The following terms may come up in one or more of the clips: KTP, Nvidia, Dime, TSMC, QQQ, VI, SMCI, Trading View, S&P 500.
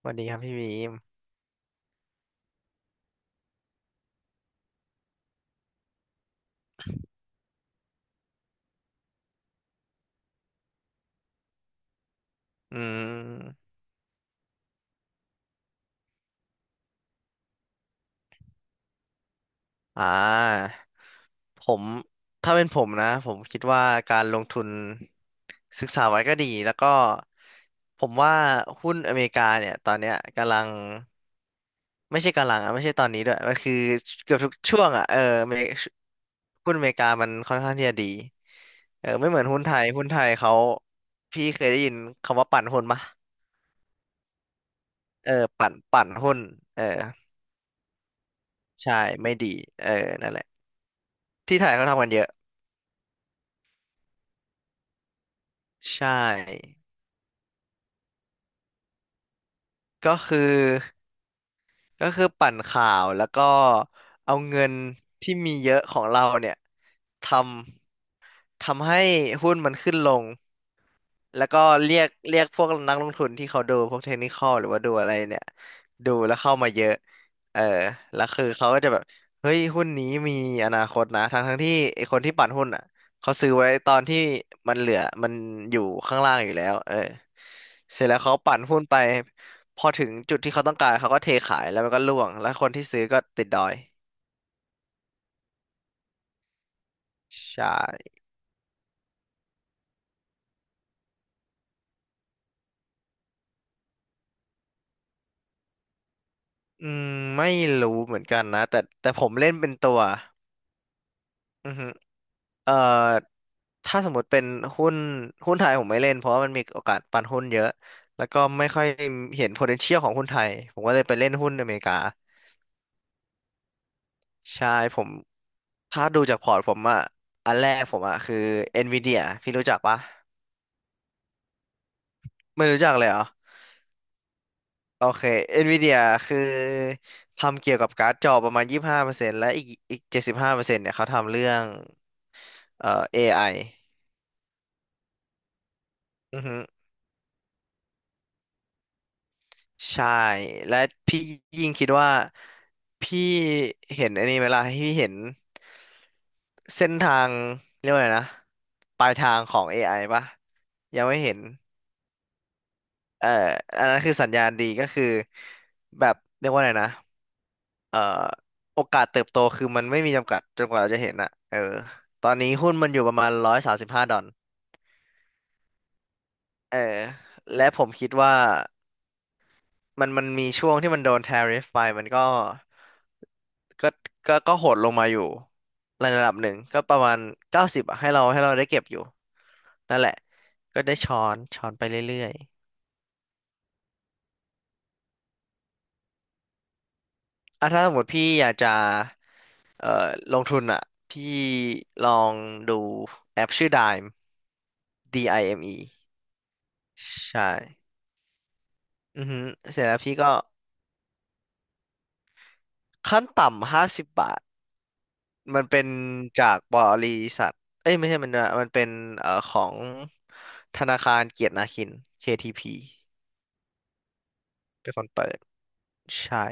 สวัสดีครับพี่บีมอืมอ่าผมถ้าเป็นผมนะผมคิดว่าการลงทุนศึกษาไว้ก็ดีแล้วก็ผมว่าหุ้นอเมริกาเนี่ยตอนเนี้ยกำลังไม่ใช่กำลังอ่ะไม่ใช่ตอนนี้ด้วยมันคือเกือบทุกช่วงอ่ะเอออเมริหุ้นอเมริกามันค่อนข้างที่จะดีเออไม่เหมือนหุ้นไทยเขาพี่เคยได้ยินคำว่าปั่นหุ้นปะเออปั่นหุ้นเออใช่ไม่ดีเออนั่นแหละที่ไทยเขาทำกันเยอะ ใช่ ก็คือก็คือปั่นข่าวแล้วก็เอาเงินที่มีเยอะของเราเนี่ยทำทำให้หุ้นมันขึ้นลง แล้วก็เรียกพวกนักลงทุนที่เขาดูพวกเทคนิคอลหรือว่าดูอะไรเนี่ยดูแล้วเข้ามาเยอะเออแล้วคือเขาก็จะแบบเฮ้ยหุ้นนี้มีอนาคตนะทั้งที่ไอคนที่ปั่นหุ้นอ่ะเขาซื้อไว้ตอนที่มันเหลือมันอยู่ข้างล่างอยู่แล้วเออเสร็จแล้วเขาปั่นหุ้นไปพอถึงจุดที่เขาต้องการเขาก็เทขายแล้วมันก็ร่วงแล้วคนที่ซื้อก็ติดดอยใช่อืมไม่รู้เหมือนกันนะแต่ผมเล่นเป็นตัวอือฮึ เอ่อถ้าสมมติเป็นหุ้นหุ้นไทยผมไม่เล่นเพราะว่ามันมีโอกาสปั่นหุ้นเยอะแล้วก็ไม่ค่อยเห็น potential ของหุ้นไทยผมก็เลยไปเล่นหุ้นอเมริกาใช่ผมถ้าดูจากพอร์ตผมอะอันแรกผมอะคือ Nvidia พี่รู้จักปะไม่รู้จักเลยเหรอโอเค Nvidia คือทำเกี่ยวกับการ์ดจอประมาณ25%และอีก75%เปอร์เซ็นต์เนี่ยเขาทำเรื่องAI อไอ ใช่และพี่ยิ่งคิดว่าพี่เห็นอันนี้ไหมล่ะพี่เห็นเส้นทางเรียกว่าอะไรนะปลายทางของ AI ปะยังไม่เห็นเอ่ออันนั้นคือสัญญาณดีก็คือแบบเรียกว่าอะไรนะเอ่อโอกาสเติบโตคือมันไม่มีจำกัดจนกว่าเราจะเห็นอะเออตอนนี้หุ้นมันอยู่ประมาณร้อยสามสิบห้าดอลเออและผมคิดว่า มันมีช่วงที่มันโดน tariff ไปมันก็ก็โหดลงมาอยู่ในระดับหนึ่งก็ประมาณเก้าสิบให้เราได้เก็บอยู่นั่นแหละก็ได้ช้อนช้อนไปเรื่อยๆอ่ะถ้าสมมติพี่อยากจะเอ่อลงทุนอ่ะพี่ลองดูแอปชื่อ Dime D I M E ใช่อือฮึเสร็จแล้วพี่ก็ขั้นต่ำห้าสิบบาท มันเป็นจากบริษัทเอ้ยไม่ใช่มันนะมันเป็นของธนาคารเกียรตินาคิน KTP เป็นคนเปิดใช่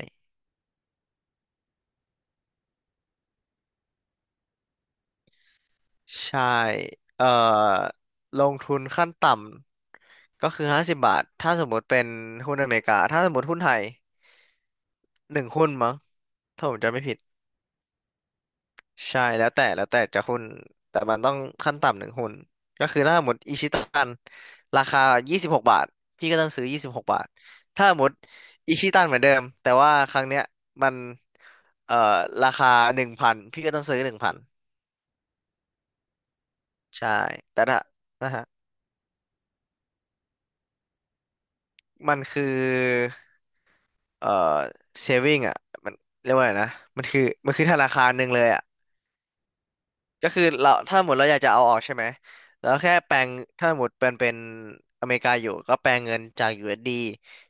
ใช่เอ่อลงทุนขั้นต่ำก็คือห้าสิบบาทถ้าสมมติเป็นหุ้นอเมริกาถ้าสมมติหุ้นไทยหนึ่งหุ้นมั้งถ้าผมจำไม่ผิด ใช่แล้วแต่จะหุ้นแต่มันต้องขั้นต่ำหนึ่งหุ้นก็คือถ้าหมดอิชิตันราคายี่สิบหกบาทพี่ก็ต้องซื้อยี่สิบหกบาทถ้าหมดอิชิตันเหมือนเดิมแต่ว่าครั้งเนี้ยมันเอ่อราคาหนึ่งพันพี่ก็ต้องซื้อหนึ่งพันใช่แต่ถ้านะฮะมันคือเอ่อ saving อ่ะมันเรียกว่าอะไรนะมันคือธนาคารหนึ่งเลยอ่ะ ก็คือเราถ้าหมดเราอยากจะเอาออกใช่ไหมแล้วแค่แปลงถ้าหมดเป็นอเมริกาอยู่ก็แปลงเงินจาก USD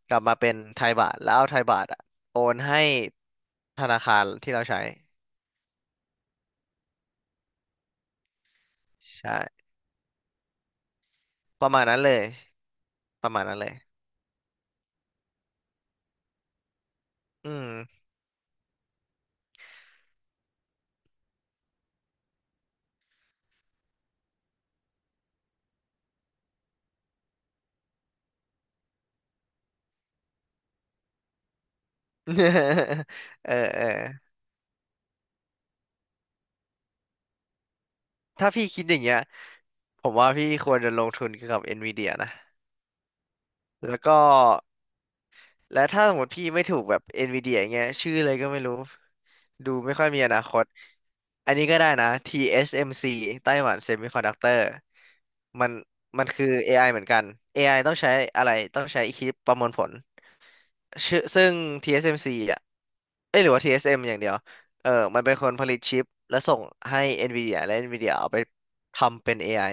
กลับมาเป็นไทยบาทแล้วเอาไทยบาทอะโอนให้ธนาคารที่เราใช้ใช่ประมาณนั้นเลยประมาณนั้นเลยอืม เออเออถ้าพี่คิดอย่างเงี้ยผมว่าพี่ควรจะลงทุนเกี่ยวกับ NVIDIA นะแล้วก็ และถ้าสมมติพี่ไม่ถูกแบบ NVIDIA อย่างเงี้ยชื่ออะไรก็ไม่รู้ดูไม่ค่อยมีอนาคตอันนี้ก็ได้นะ TSMC ไต้หวัน Semiconductor มันมันคือ AI เหมือนกัน AI ต้องใช้อะไรต้องใช้คิดประมวลผลชื่อซึ่ง TSMC อสเอ็มซีอ่ะเอ้ยหรือว่า TSM อสเอ็มอย่างเดียวเออมันเป็นคนผลิตชิปและส่งให้ NVIDIA และ NVIDIA เอาไปทำเป็น AI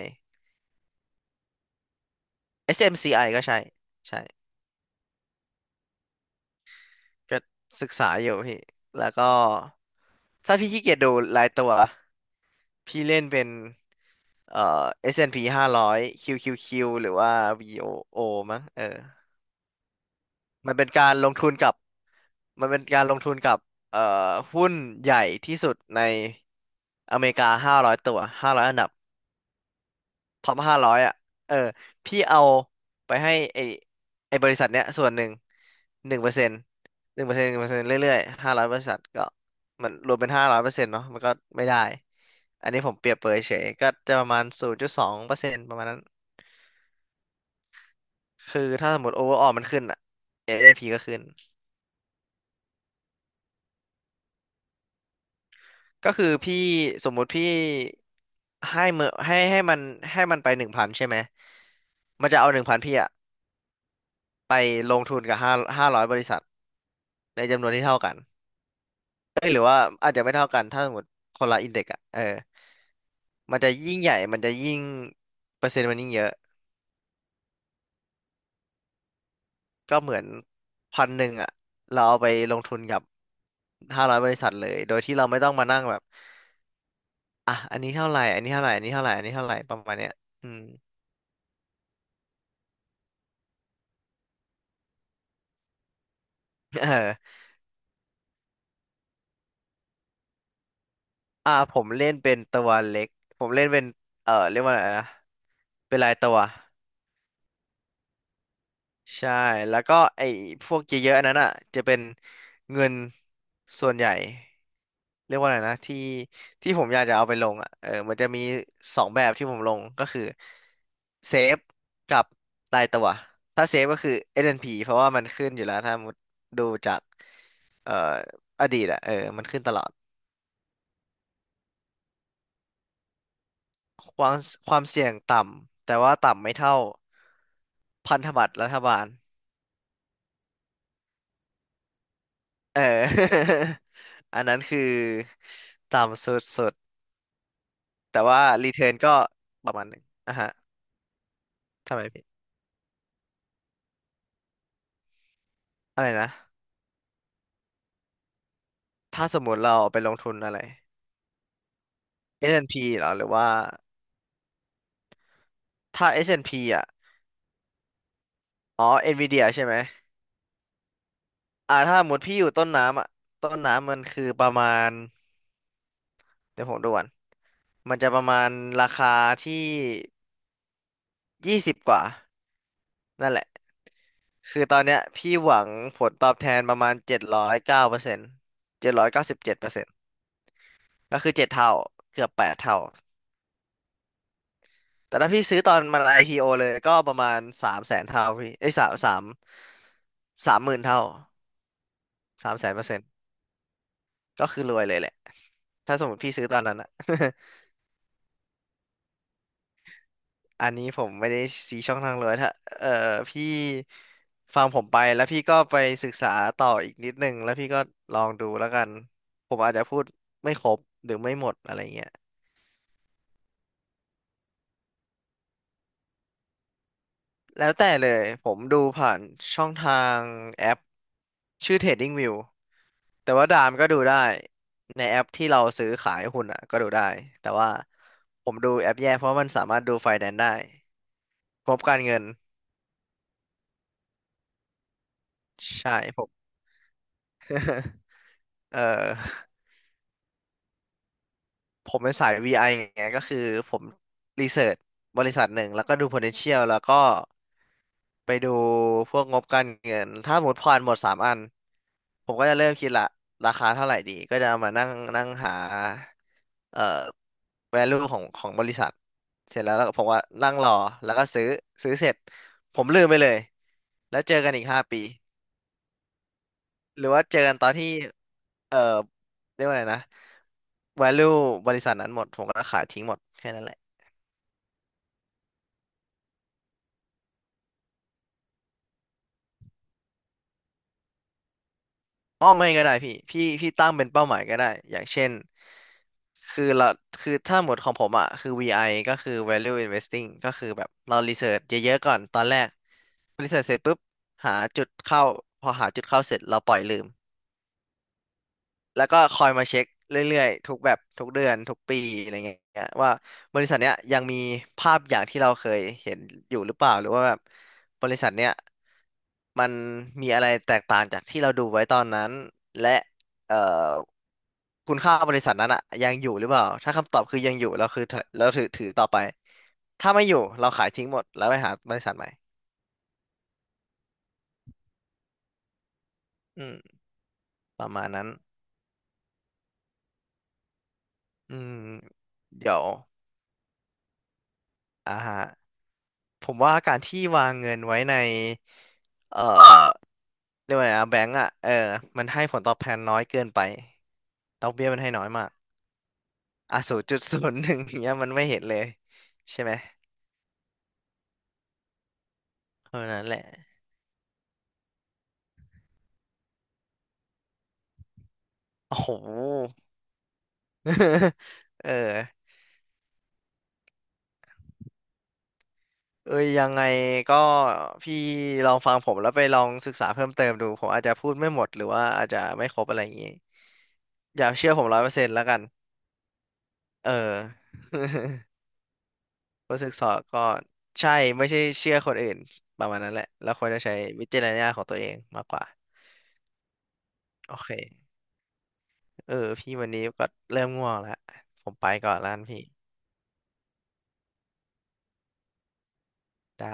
SMCI ก็ใช่ใช่ ก็ศึกษาอยู่พี่แล้วก็ถ้าพี่ขี้เกียจดูรายตัวพี่เล่นเป็นเอ่อ S&P 500 QQQ หารอยคิวคิวคิวหรือว่าวีโอโอมั้งเออมันเป็นการลงทุนกับมันเป็นการลงทุนกับเอ่หุ้นใหญ่ที่สุดในอเมริกา500ตัว500อยอันดับ ท็อปห้าร้อยอ่ะเออพี่เอาไปให้ไอบริษัทเนี้ยส่วนหนึ่งหนึ่งเปอร์เซ็นต์หนึ่งเปอร์เซ็นต์หนึ่งเปอร์เซ็นต์เรื่อยๆห้าร้อยบริษัทก็มันรวมเป็นห้าร้อยเปอร์เซ็นต์เนาะมันก็ไม่ได้ อันนี้ผมเปรียบเปรยเฉยก็จะประมาณศูนย์จุดสองเปอร์เซ็นต์ประมาณนั้นคือถ้าสมมติโอเวอร์ออมันขึ้นอ่ะ AAP ก็ขึ้นก็คือพี่สมมุติพี่ให้เมือให้มันให้มันไปหนึ่งพันใช่ไหมมันจะเอาหนึ่งพันพี่อะไปลงทุนกับห้าร้อยบริษัทในจำนวนที่เท่ากัน เอ้ยหรือว่าอาจจะไม่เท่ากันถ้าสมมติคนละอินเด็กอะเออมันจะยิ่งเปอร์เซ็นต์มันยิ่งเยอะก็เหมือนพันหนึ่งอะเราเอาไปลงทุนกับห้าร้อยบริษัทเลยโดยที่เราไม่ต้องมานั่งแบบอ่ะอันนี้เท่าไหร่อันนี้เท่าไหร่อันนี้เท่าไหร่อันนี้เท่าไหร่ประมาณเนี้ยอืม เอออ่าผมเล่นเป็นตัวเล็กผมเล่นเป็นเออเรียกว่าอะไรนะเป็นรายตัวใช่แล้วก็ไอ้พวกเยอะๆอันนั้นอ่ะจะเป็นเงินส่วนใหญ่ เรียกว่าอะไรนะที่ผมอยากจะเอาไปลงอ่ะเออมันจะมีสองแบบที่ผมลงก็คือเซฟกับรายตัวถ้าเซฟก็คือ S&P เพราะว่ามันขึ้นอยู่แล้วถ้ามุดดูจากเอ่ออดีตอ่ะเออมันขึ้นตลอดความความเสี่ยงต่ำแต่ว่าต่ำไม่เท่าพันธบัตรรัฐบาลเออ อันนั้นคือต่ำสุดๆแต่ว่ารีเทิร์นก็ประมาณหนึ่งอ่ะฮะทำไมพี่อะไรนะ ถ้าสมมุติเราไปลงทุนอะไร S&P เหรอหรือว่าถ้า S&P อสแอนด์พีอ่ะ อ๋อ Nvidia ใช่ไหม อ่าถ้าสมมติพี่อยู่ต้นน้ำอ่ะต้นน้ำมันคือประมาณเดี๋ยวผมดูก่อนมันจะประมาณราคาที่ยี่สิบกว่านั่นแหละ คือตอนเนี้ยพี่หวังผลตอบแทนประมาณเจ็ดร้อยเก้าเปอร์เซ็นต์เจ็ดร้อยเก้าสิบเจ็ดเปอร์เซ็นต์ก็คือเจ็ดเท่าเกือบแปดเท่าแต่ถ้าพี่ซื้อตอนมัน IPO เลยก็ประมาณสามแสนเท่าพี่ไอ้ยสามสามสามหมื่นเท่า สามแสนเปอร์เซ็นต์ก็คือรวยเลยแหละถ้าสมมติพี่ซื้อตอนนั้นอะ อันนี้ผมไม่ได้ชี้ช่องทางรวยถ้าเออพี่ฟังผมไปแล้วพี่ก็ไปศึกษาต่ออีกนิดนึงแล้วพี่ก็ลองดูแล้วกันผมอาจจะพูดไม่ครบหรือไม่หมดอะไรเงี้ยแล้วแต่เลยผมดูผ่านช่องทางแอปชื่อ Trading View แต่ว่าดามก็ดูได้ในแอปที่เราซื้อขายหุ้นอ่ะก็ดูได้แต่ว่าผมดูแอปแยกเพราะมันสามารถดูไฟแนนซ์ได้งบการเงิน ใช่ผม เอ่อผมเป็นสาย VI ไอไงก็คือผมรีเสิร์ชบริษัทหนึ่งแล้วก็ดู potential แล้วก็ไปดูพวกงบการเงินถ้าหมดผ่านหมดสามอันผมก็จะเริ่มคิดละราคาเท่าไหร่ดีก็จะเอามานั่งนั่งหาเอ่อ value ของของบริษัทเสร็จแล้วแล้วผมว่านั่งรอแล้วก็ซื้อเสร็จผมลืมไปเลยแล้วเจอกันอีกห้าปี หรือว่าเจอกันตอนที่ เอ่อ เรียกว่าไรนะ value บริษัทนั้นหมด ผมก็ขายทิ้งหมดแค่นั้นแหละอ้อไม่ก็ได้พี่ตั้งเป็นเป้าหมายก็ได้ อย่างเช่น คือเรา คือถ้าหมดของผมอ่ะคือ VI ก็คือ value investing ก็คือแบบ เรารีเสิร์ชเยอะๆก่อน ตอนแรกรีเสิร์ชเสร็จปุ๊บ หาจุดเข้า พอหาจุดเข้าเสร็จ เราปล่อยลืม แล้วก็คอยมาเช็คเรื่อยๆทุกแบบทุกเดือนทุกปีอะไรเงี้ยว่าบริษัทเนี้ยยังมีภาพอย่างที่เราเคยเห็นอยู่หรือเปล่าหรือว่าแบบบริษัทเนี้ยมันมีอะไรแตกต่างจากที่เราดูไว้ตอนนั้นและเอ่อคุณค่าบริษัทนั้นอะยังอยู่หรือเปล่าถ้าคำตอบคือยังอยู่เราคือเราถือต่อไปถ้าไม่อยู่เราขายทิ้งหมดแล้วไปหาบริษัทใหม่อืมประมาณนั้นอืมเดี๋ยวอ่าฮะ ผมว่าการที่วางเงินไว้ในเอ่อเรียกว่าไงนะแบงก์อ่ะเออมันให้ผลตอบแทนน้อยเกินไปดอกเบี้ยมันให้น้อยมากอ่ะศูนย์จุดศูนย์หนึ่งเนี้ยมันไม่เห็นเลยใช่ไหมเพราะฉะนั้นแหละโอ้โห เออเอ้ยยังไงก็พี่ลองฟังผมแล้วไปลองศึกษาเพิ่มเติมดูผมอาจจะพูดไม่หมดหรือว่าอาจจะไม่ครบอะไรอย่างงี้อย่าเชื่อผมร้อยเปอร์เซ็นต์แล้วกันเออ ก็ศึกษาก่อนใช่ไม่ใช่เชื่อคนอื่นประมาณนั้นแหละแล้วควรจะใช้วิจารณญาณของตัวเองมากกว่าโอเคเออพี่วันนี้ก็เริ่มง่วงแล้วผมไปก่อนแล้วกันพี่ได้